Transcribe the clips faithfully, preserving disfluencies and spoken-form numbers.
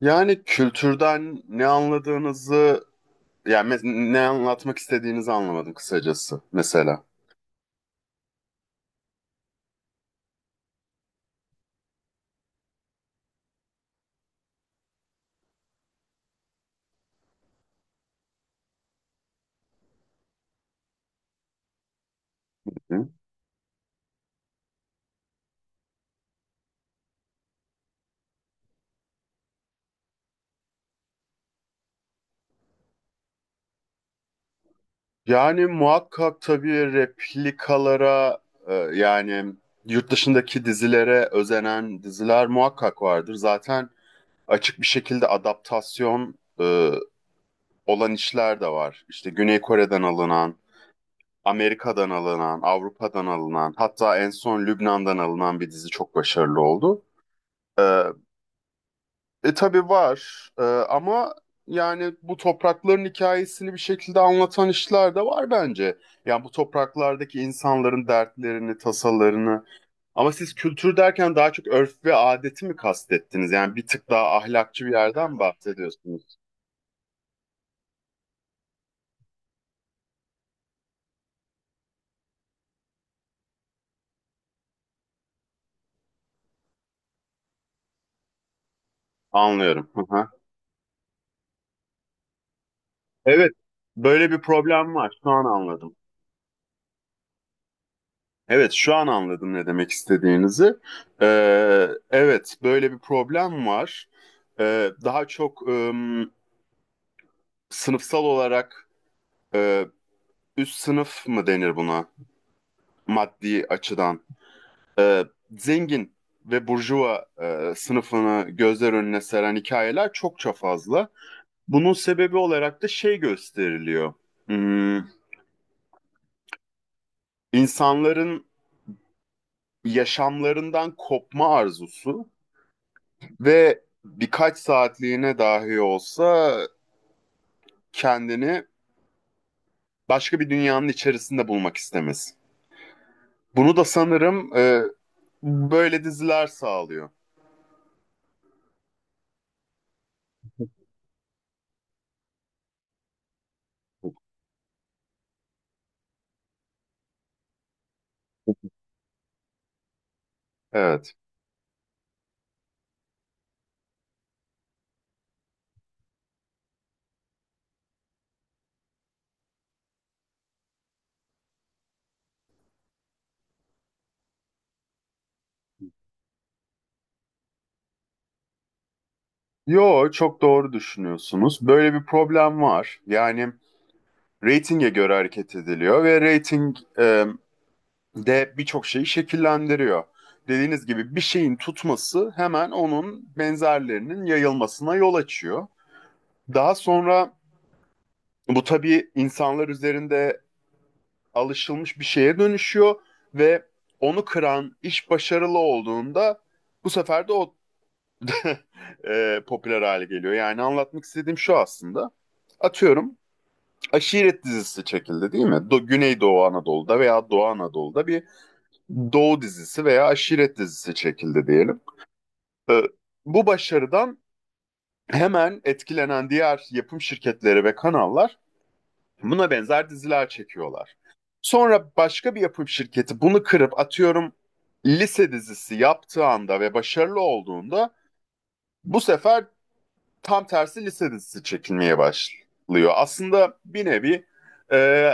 Yani kültürden ne anladığınızı, yani mes- ne anlatmak istediğinizi anlamadım kısacası mesela. Hı? Yani muhakkak tabii replikalara, e, yani yurt dışındaki dizilere özenen diziler muhakkak vardır. Zaten açık bir şekilde adaptasyon e, olan işler de var. İşte Güney Kore'den alınan, Amerika'dan alınan, Avrupa'dan alınan, hatta en son Lübnan'dan alınan bir dizi çok başarılı oldu. E, E tabii var E, ama yani bu toprakların hikayesini bir şekilde anlatan işler de var bence. Yani bu topraklardaki insanların dertlerini, tasalarını. Ama siz kültür derken daha çok örf ve adeti mi kastettiniz? Yani bir tık daha ahlakçı bir yerden bahsediyorsunuz. Anlıyorum. Hı hı. Evet, böyle bir problem var. Şu an anladım. Evet, şu an anladım ne demek istediğinizi. E, evet, böyle bir problem var. E, daha çok... e, sınıfsal olarak e, üst sınıf mı denir buna maddi açıdan? E, Zengin ve burjuva e, sınıfını gözler önüne seren hikayeler çokça fazla. Bunun sebebi olarak da şey gösteriliyor. Hmm, insanların yaşamlarından kopma arzusu ve birkaç saatliğine dahi olsa kendini başka bir dünyanın içerisinde bulmak istemesi. Bunu da sanırım e, böyle diziler sağlıyor. Evet. Yo, çok doğru düşünüyorsunuz. Böyle bir problem var. Yani reytinge göre hareket ediliyor ve reyting e, de birçok şeyi şekillendiriyor. Dediğiniz gibi bir şeyin tutması hemen onun benzerlerinin yayılmasına yol açıyor. Daha sonra bu tabii insanlar üzerinde alışılmış bir şeye dönüşüyor ve onu kıran iş başarılı olduğunda bu sefer de o e, popüler hale geliyor. Yani anlatmak istediğim şu aslında. Atıyorum Aşiret dizisi çekildi değil mi? Do Güneydoğu Anadolu'da veya Doğu Anadolu'da bir Doğu dizisi veya Aşiret dizisi çekildi diyelim. E, Bu başarıdan hemen etkilenen diğer yapım şirketleri ve kanallar buna benzer diziler çekiyorlar. Sonra başka bir yapım şirketi bunu kırıp atıyorum lise dizisi yaptığı anda ve başarılı olduğunda bu sefer tam tersi lise dizisi çekilmeye başlıyor. Aslında bir nevi e,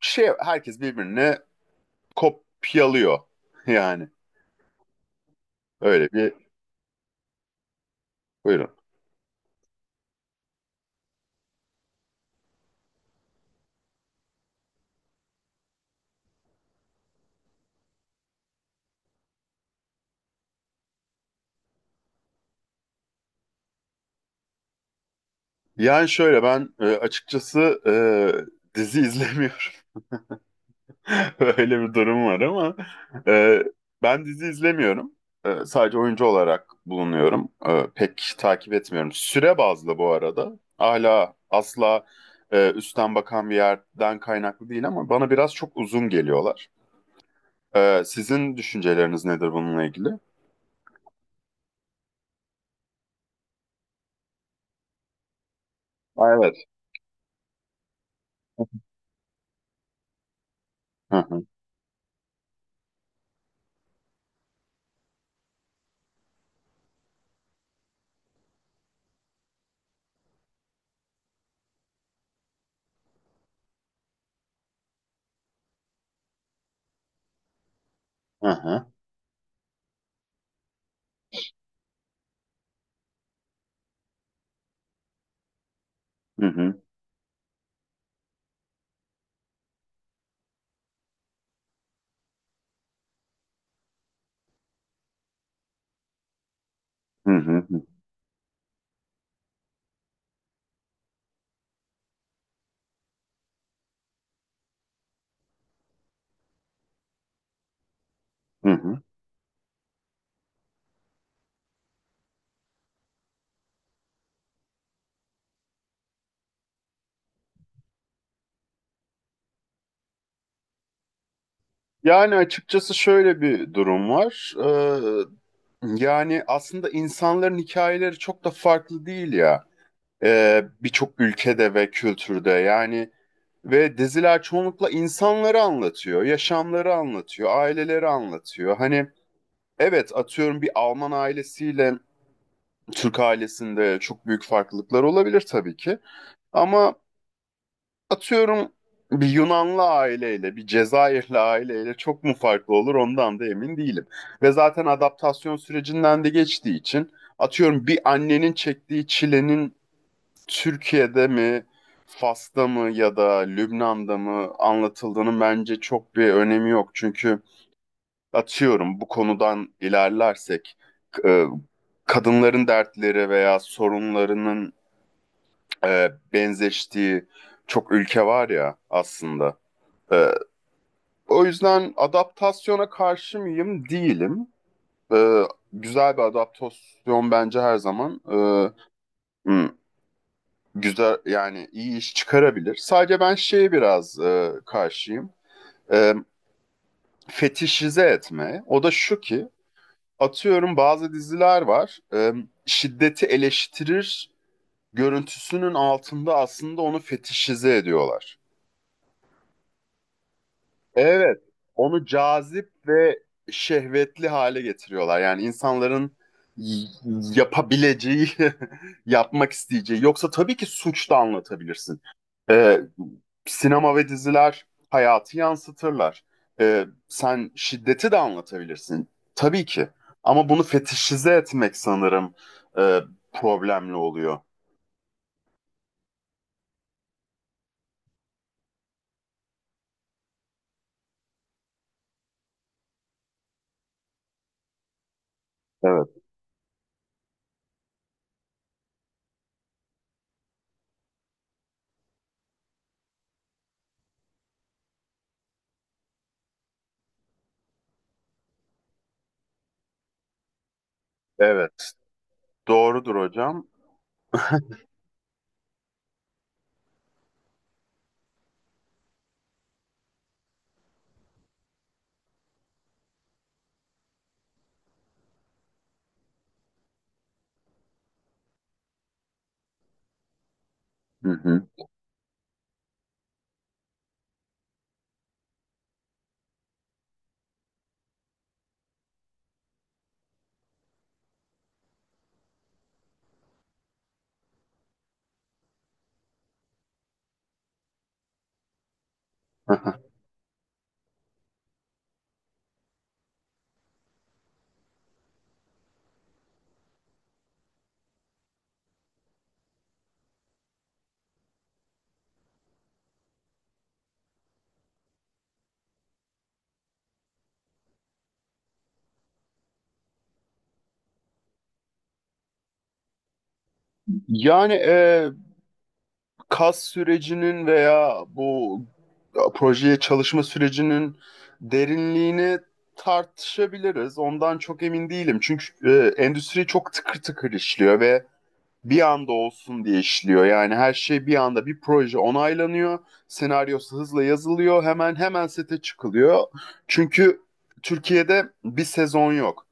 şey herkes birbirine kopyalıyor. Yani öyle bir buyurun. Yani şöyle ben e, açıkçası e, dizi izlemiyorum. Öyle bir durum var ama e, ben dizi izlemiyorum. E, sadece oyuncu olarak bulunuyorum. E, pek takip etmiyorum. Süre bazlı bu arada. Hala asla e, üstten bakan bir yerden kaynaklı değil ama bana biraz çok uzun geliyorlar. E, sizin düşünceleriniz nedir bununla ilgili? Aa, evet. Hı hı, hı hı, hı hı, hı hı, hı hı. Yani açıkçası şöyle bir durum var. Ee, yani aslında insanların hikayeleri çok da farklı değil ya. E, birçok ülkede ve kültürde yani ve diziler çoğunlukla insanları anlatıyor, yaşamları anlatıyor, aileleri anlatıyor. Hani evet atıyorum bir Alman ailesiyle Türk ailesinde çok büyük farklılıklar olabilir tabii ki. Ama atıyorum bir Yunanlı aileyle, bir Cezayirli aileyle çok mu farklı olur ondan da emin değilim. Ve zaten adaptasyon sürecinden de geçtiği için atıyorum bir annenin çektiği çilenin Türkiye'de mi, Fas'ta mı ya da Lübnan'da mı anlatıldığının bence çok bir önemi yok. Çünkü atıyorum bu konudan ilerlersek e, kadınların dertleri veya sorunlarının e, benzeştiği çok ülke var ya aslında. E, O yüzden adaptasyona karşı mıyım? Değilim. E, Güzel bir adaptasyon bence her zaman e, hmm, güzel yani iyi iş çıkarabilir. Sadece ben şeye biraz e, karşıyım. E, Fetişize etme. O da şu ki atıyorum bazı diziler var. E, şiddeti eleştirir görüntüsünün altında aslında onu fetişize ediyorlar. Evet, onu cazip ve şehvetli hale getiriyorlar. Yani insanların y- yapabileceği, yapmak isteyeceği. Yoksa tabii ki suç da anlatabilirsin. Ee, Sinema ve diziler hayatı yansıtırlar. Ee, sen şiddeti de anlatabilirsin. Tabii ki. Ama bunu fetişize etmek sanırım e, problemli oluyor. Evet. Evet, doğrudur hocam. Hı hı. Yani e, kas sürecinin veya bu e, projeye çalışma sürecinin derinliğini tartışabiliriz. Ondan çok emin değilim. Çünkü e, endüstri çok tıkır tıkır işliyor ve bir anda olsun diye işliyor. Yani her şey bir anda bir proje onaylanıyor. Senaryosu hızla yazılıyor. Hemen hemen sete çıkılıyor. Çünkü Türkiye'de bir sezon yok,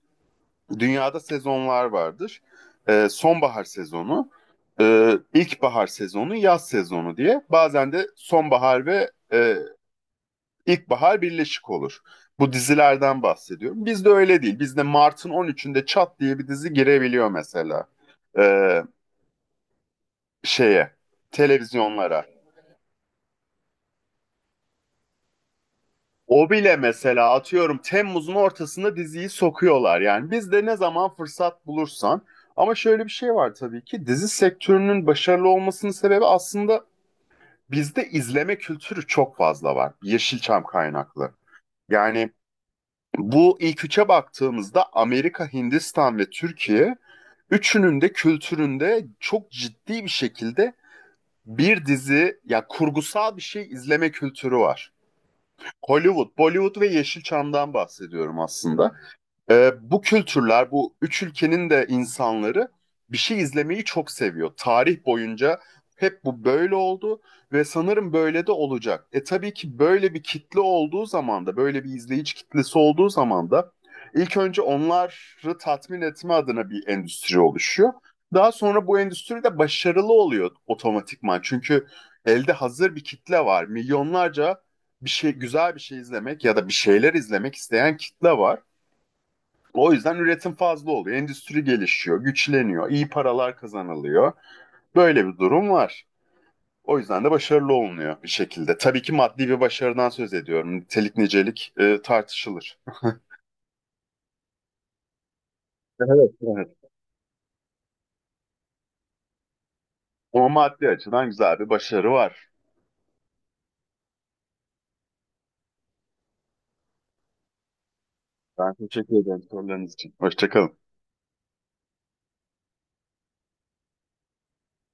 dünyada sezonlar vardır. Ee, sonbahar sezonu, e, ilkbahar sezonu, yaz sezonu diye. Bazen de sonbahar ve e, ilkbahar birleşik olur. Bu dizilerden bahsediyorum. Bizde öyle değil. Bizde Mart'ın on üçünde çat diye bir dizi girebiliyor mesela. Ee, şeye, televizyonlara. O bile mesela atıyorum Temmuz'un ortasında diziyi sokuyorlar yani. Biz de ne zaman fırsat bulursan. Ama şöyle bir şey var, tabii ki dizi sektörünün başarılı olmasının sebebi aslında bizde izleme kültürü çok fazla var. Yeşilçam kaynaklı. Yani bu ilk üçe baktığımızda Amerika, Hindistan ve Türkiye üçünün de kültüründe çok ciddi bir şekilde bir dizi ya kurgusal bir şey izleme kültürü var. Hollywood, Bollywood ve Yeşilçam'dan bahsediyorum aslında. Ee, bu kültürler, bu üç ülkenin de insanları bir şey izlemeyi çok seviyor. Tarih boyunca hep bu böyle oldu ve sanırım böyle de olacak. E tabii ki böyle bir kitle olduğu zaman da, böyle bir izleyici kitlesi olduğu zaman da ilk önce onları tatmin etme adına bir endüstri oluşuyor. Daha sonra bu endüstri de başarılı oluyor otomatikman. Çünkü elde hazır bir kitle var. Milyonlarca bir şey, güzel bir şey izlemek ya da bir şeyler izlemek isteyen kitle var. O yüzden üretim fazla oluyor. Endüstri gelişiyor, güçleniyor, iyi paralar kazanılıyor. Böyle bir durum var. O yüzden de başarılı olunuyor bir şekilde. Tabii ki maddi bir başarıdan söz ediyorum. Nitelik nicelik e, tartışılır. Evet, evet. Ama maddi açıdan güzel bir başarı var. Ben teşekkür ederim sorularınız için. Hoşçakalın.